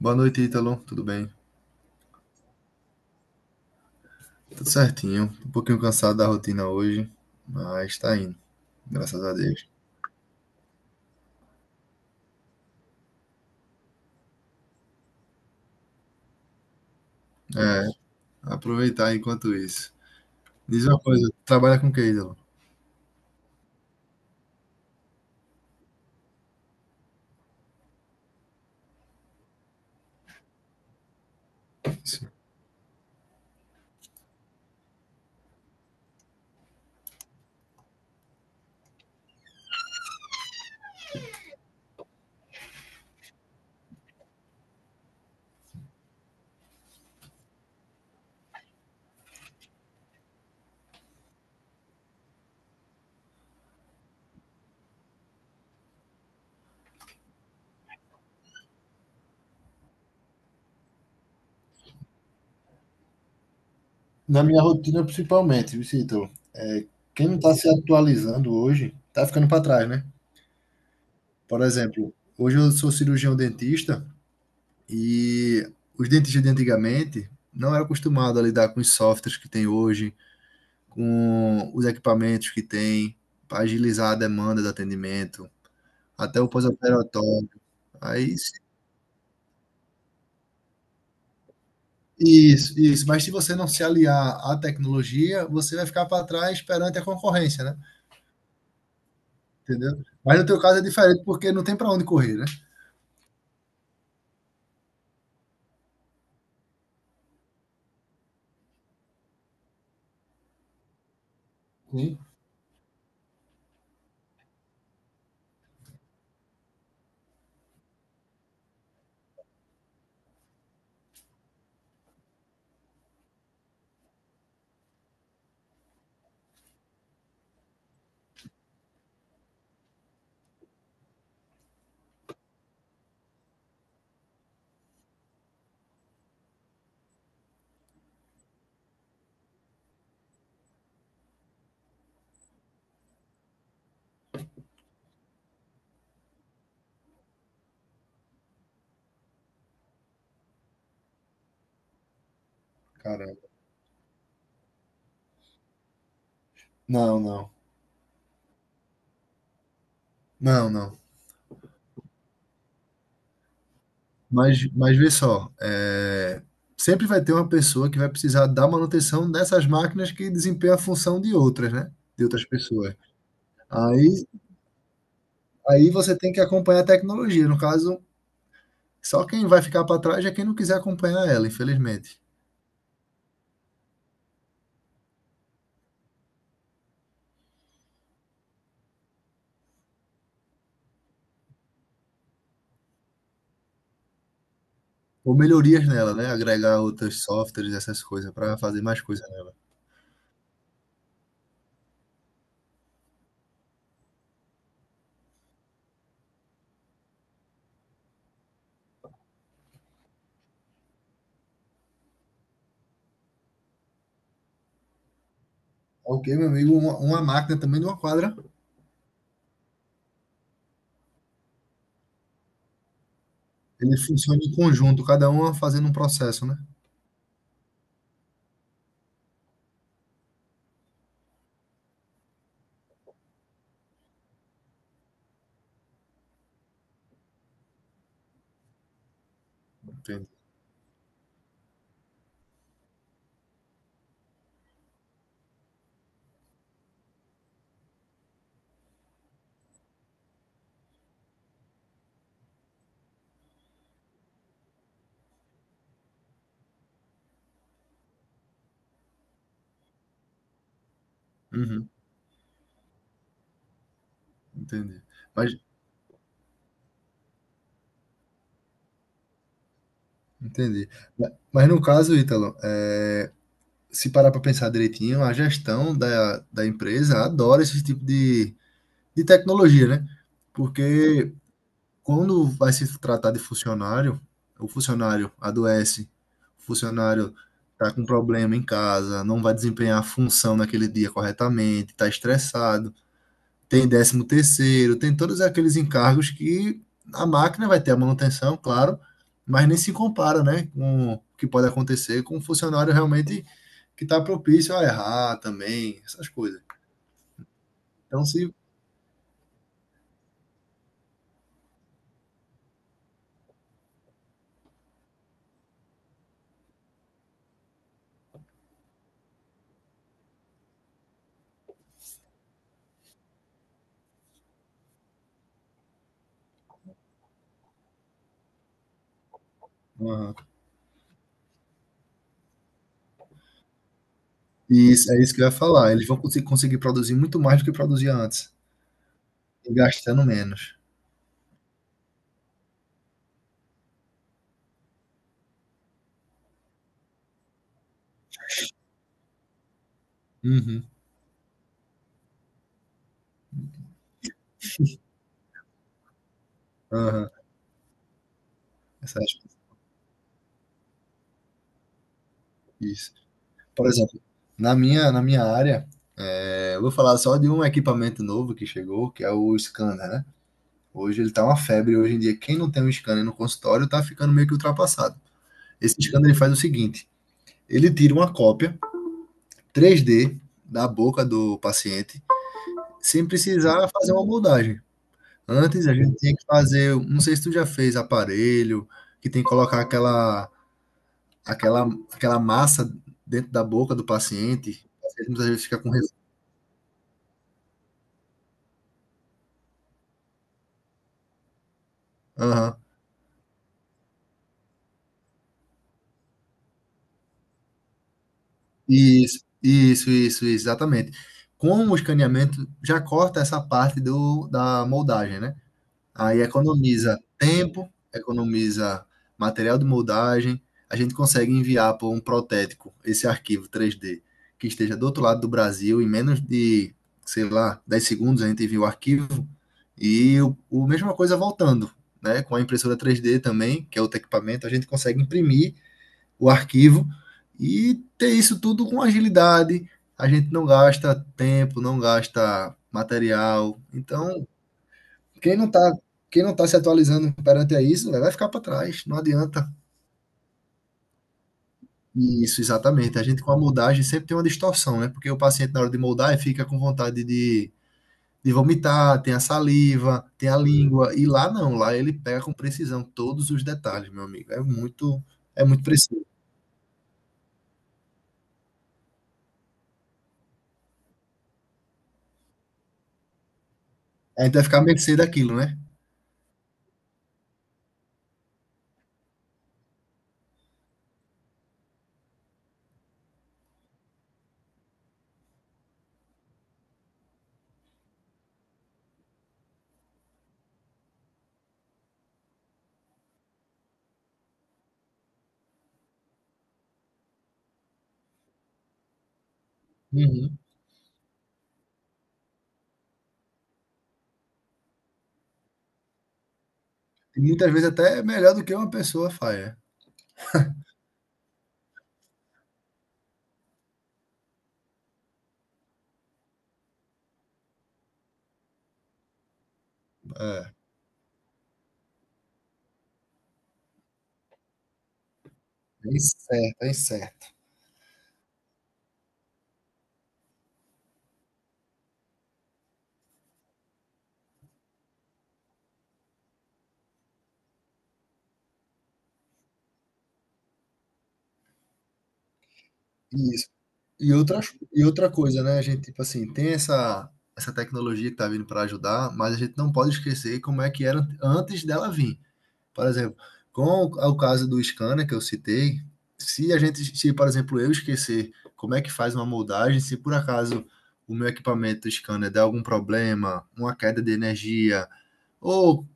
Boa noite, Ítalo. Tudo bem? Tudo certinho. Um pouquinho cansado da rotina hoje, mas tá indo, graças a Deus. É, aproveitar enquanto isso. Diz uma coisa, trabalha com o que, Ítalo? Sim. Na minha rotina, principalmente, Victor, quem não está se atualizando hoje está ficando para trás, né? Por exemplo, hoje eu sou cirurgião dentista e os dentistas de antigamente não eram acostumados a lidar com os softwares que tem hoje, com os equipamentos que tem, para agilizar a demanda do atendimento, até o pós-operatório. Aí, se- isso, isso. Mas se você não se aliar à tecnologia, você vai ficar para trás perante a concorrência, né? Entendeu? Mas no teu caso é diferente, porque não tem para onde correr, né? Sim. Caramba. Não, não. Não, não. Mas vê só, sempre vai ter uma pessoa que vai precisar da manutenção dessas máquinas que desempenham a função de outras, né? De outras pessoas. Aí Aí você tem que acompanhar a tecnologia. No caso, só quem vai ficar para trás é quem não quiser acompanhar ela, infelizmente. Ou melhorias nela, né? Agregar outros softwares, essas coisas, para fazer mais coisa nela. Ok, meu amigo, uma máquina também de uma quadra, ele funciona em conjunto, cada uma fazendo um processo, né? Entendi. Uhum, entendi. Mas, entendi. Mas no caso, Ítalo, se parar para pensar direitinho, a gestão da empresa adora esse tipo de tecnologia, né? Porque quando vai se tratar de funcionário, o funcionário adoece, o funcionário está com problema em casa, não vai desempenhar a função naquele dia corretamente, está estressado, tem décimo terceiro, tem todos aqueles encargos que a máquina vai ter a manutenção, claro, mas nem se compara, né, com o que pode acontecer com um funcionário realmente que está propício a errar também, essas coisas. Então, se. Aham. Isso, é isso que eu ia falar. Eles vão conseguir produzir muito mais do que produzia antes. E gastando menos. Uhum. Aham. Acho que é isso. Por exemplo, na minha área, eu vou falar só de um equipamento novo que chegou, que é o scanner, né? Hoje ele tá uma febre. Hoje em dia, quem não tem um scanner no consultório tá ficando meio que ultrapassado. Esse scanner ele faz o seguinte: ele tira uma cópia 3D da boca do paciente, sem precisar fazer uma moldagem. Antes a gente tinha que fazer, não sei se tu já fez aparelho, que tem que colocar aquela, aquela massa dentro da boca do paciente. O paciente muitas vezes fica com res... Aham. Isso, exatamente. Com o escaneamento, já corta essa parte da moldagem, né? Aí economiza tempo, economiza material de moldagem. A gente consegue enviar por um protético esse arquivo 3D que esteja do outro lado do Brasil em menos de, sei lá, 10 segundos a gente envia o arquivo e o mesma coisa voltando, né? Com a impressora 3D também, que é outro equipamento, a gente consegue imprimir o arquivo e ter isso tudo com agilidade. A gente não gasta tempo, não gasta material. Então, quem não está quem não tá se atualizando perante a isso, né, vai ficar para trás, não adianta. Isso, exatamente. A gente com a moldagem sempre tem uma distorção, né? Porque o paciente, na hora de moldar, ele fica com vontade de vomitar, tem a saliva, tem a língua, e lá não, lá ele pega com precisão todos os detalhes, meu amigo. É muito preciso. A gente vai ficar à mercê daquilo, né? Uhum. E muitas vezes até é melhor do que uma pessoa faz. É Bem certo, é certo. Isso. E outra, e outra coisa, né? A gente, tipo assim, tem essa tecnologia que tá vindo para ajudar, mas a gente não pode esquecer como é que era antes dela vir. Por exemplo, com o caso do scanner que eu citei, se a gente, se, por exemplo, eu esquecer como é que faz uma moldagem, se por acaso o meu equipamento scanner der algum problema, uma queda de energia, ou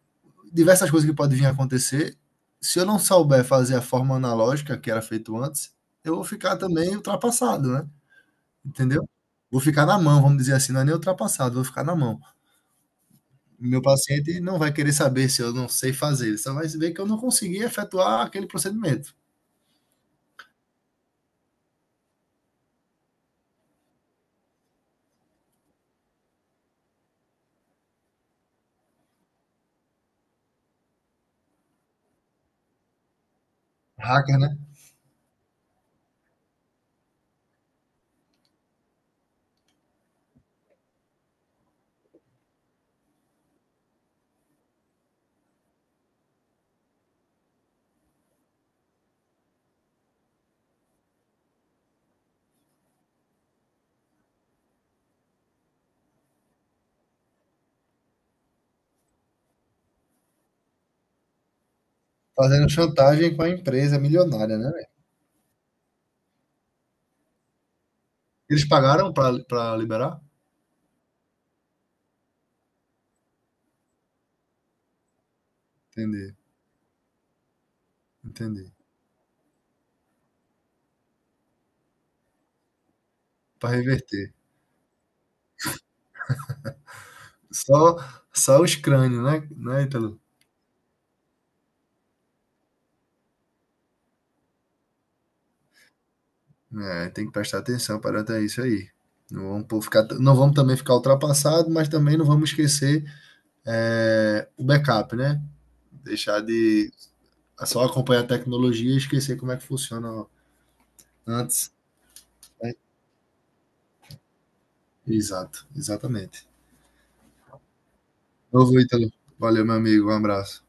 diversas coisas que podem vir a acontecer, se eu não souber fazer a forma analógica que era feito antes, eu vou ficar também ultrapassado, né? Entendeu? Vou ficar na mão, vamos dizer assim, não é nem ultrapassado, vou ficar na mão. Meu paciente não vai querer saber se eu não sei fazer, ele só vai ver que eu não consegui efetuar aquele procedimento. Hacker, né? Fazendo chantagem com a empresa milionária, né, velho? Eles pagaram para liberar? Entendi, entendi. Para reverter. Só, só os crânios, né, né, Ítalo? É, tem que prestar atenção para até isso aí. Não vamos, pô, ficar, não vamos também ficar ultrapassado, mas também não vamos esquecer o backup, né? Deixar de só acompanhar a tecnologia e esquecer como é que funciona antes. Né? Exato, exatamente. Novo Ítalo. Valeu, meu amigo. Um abraço.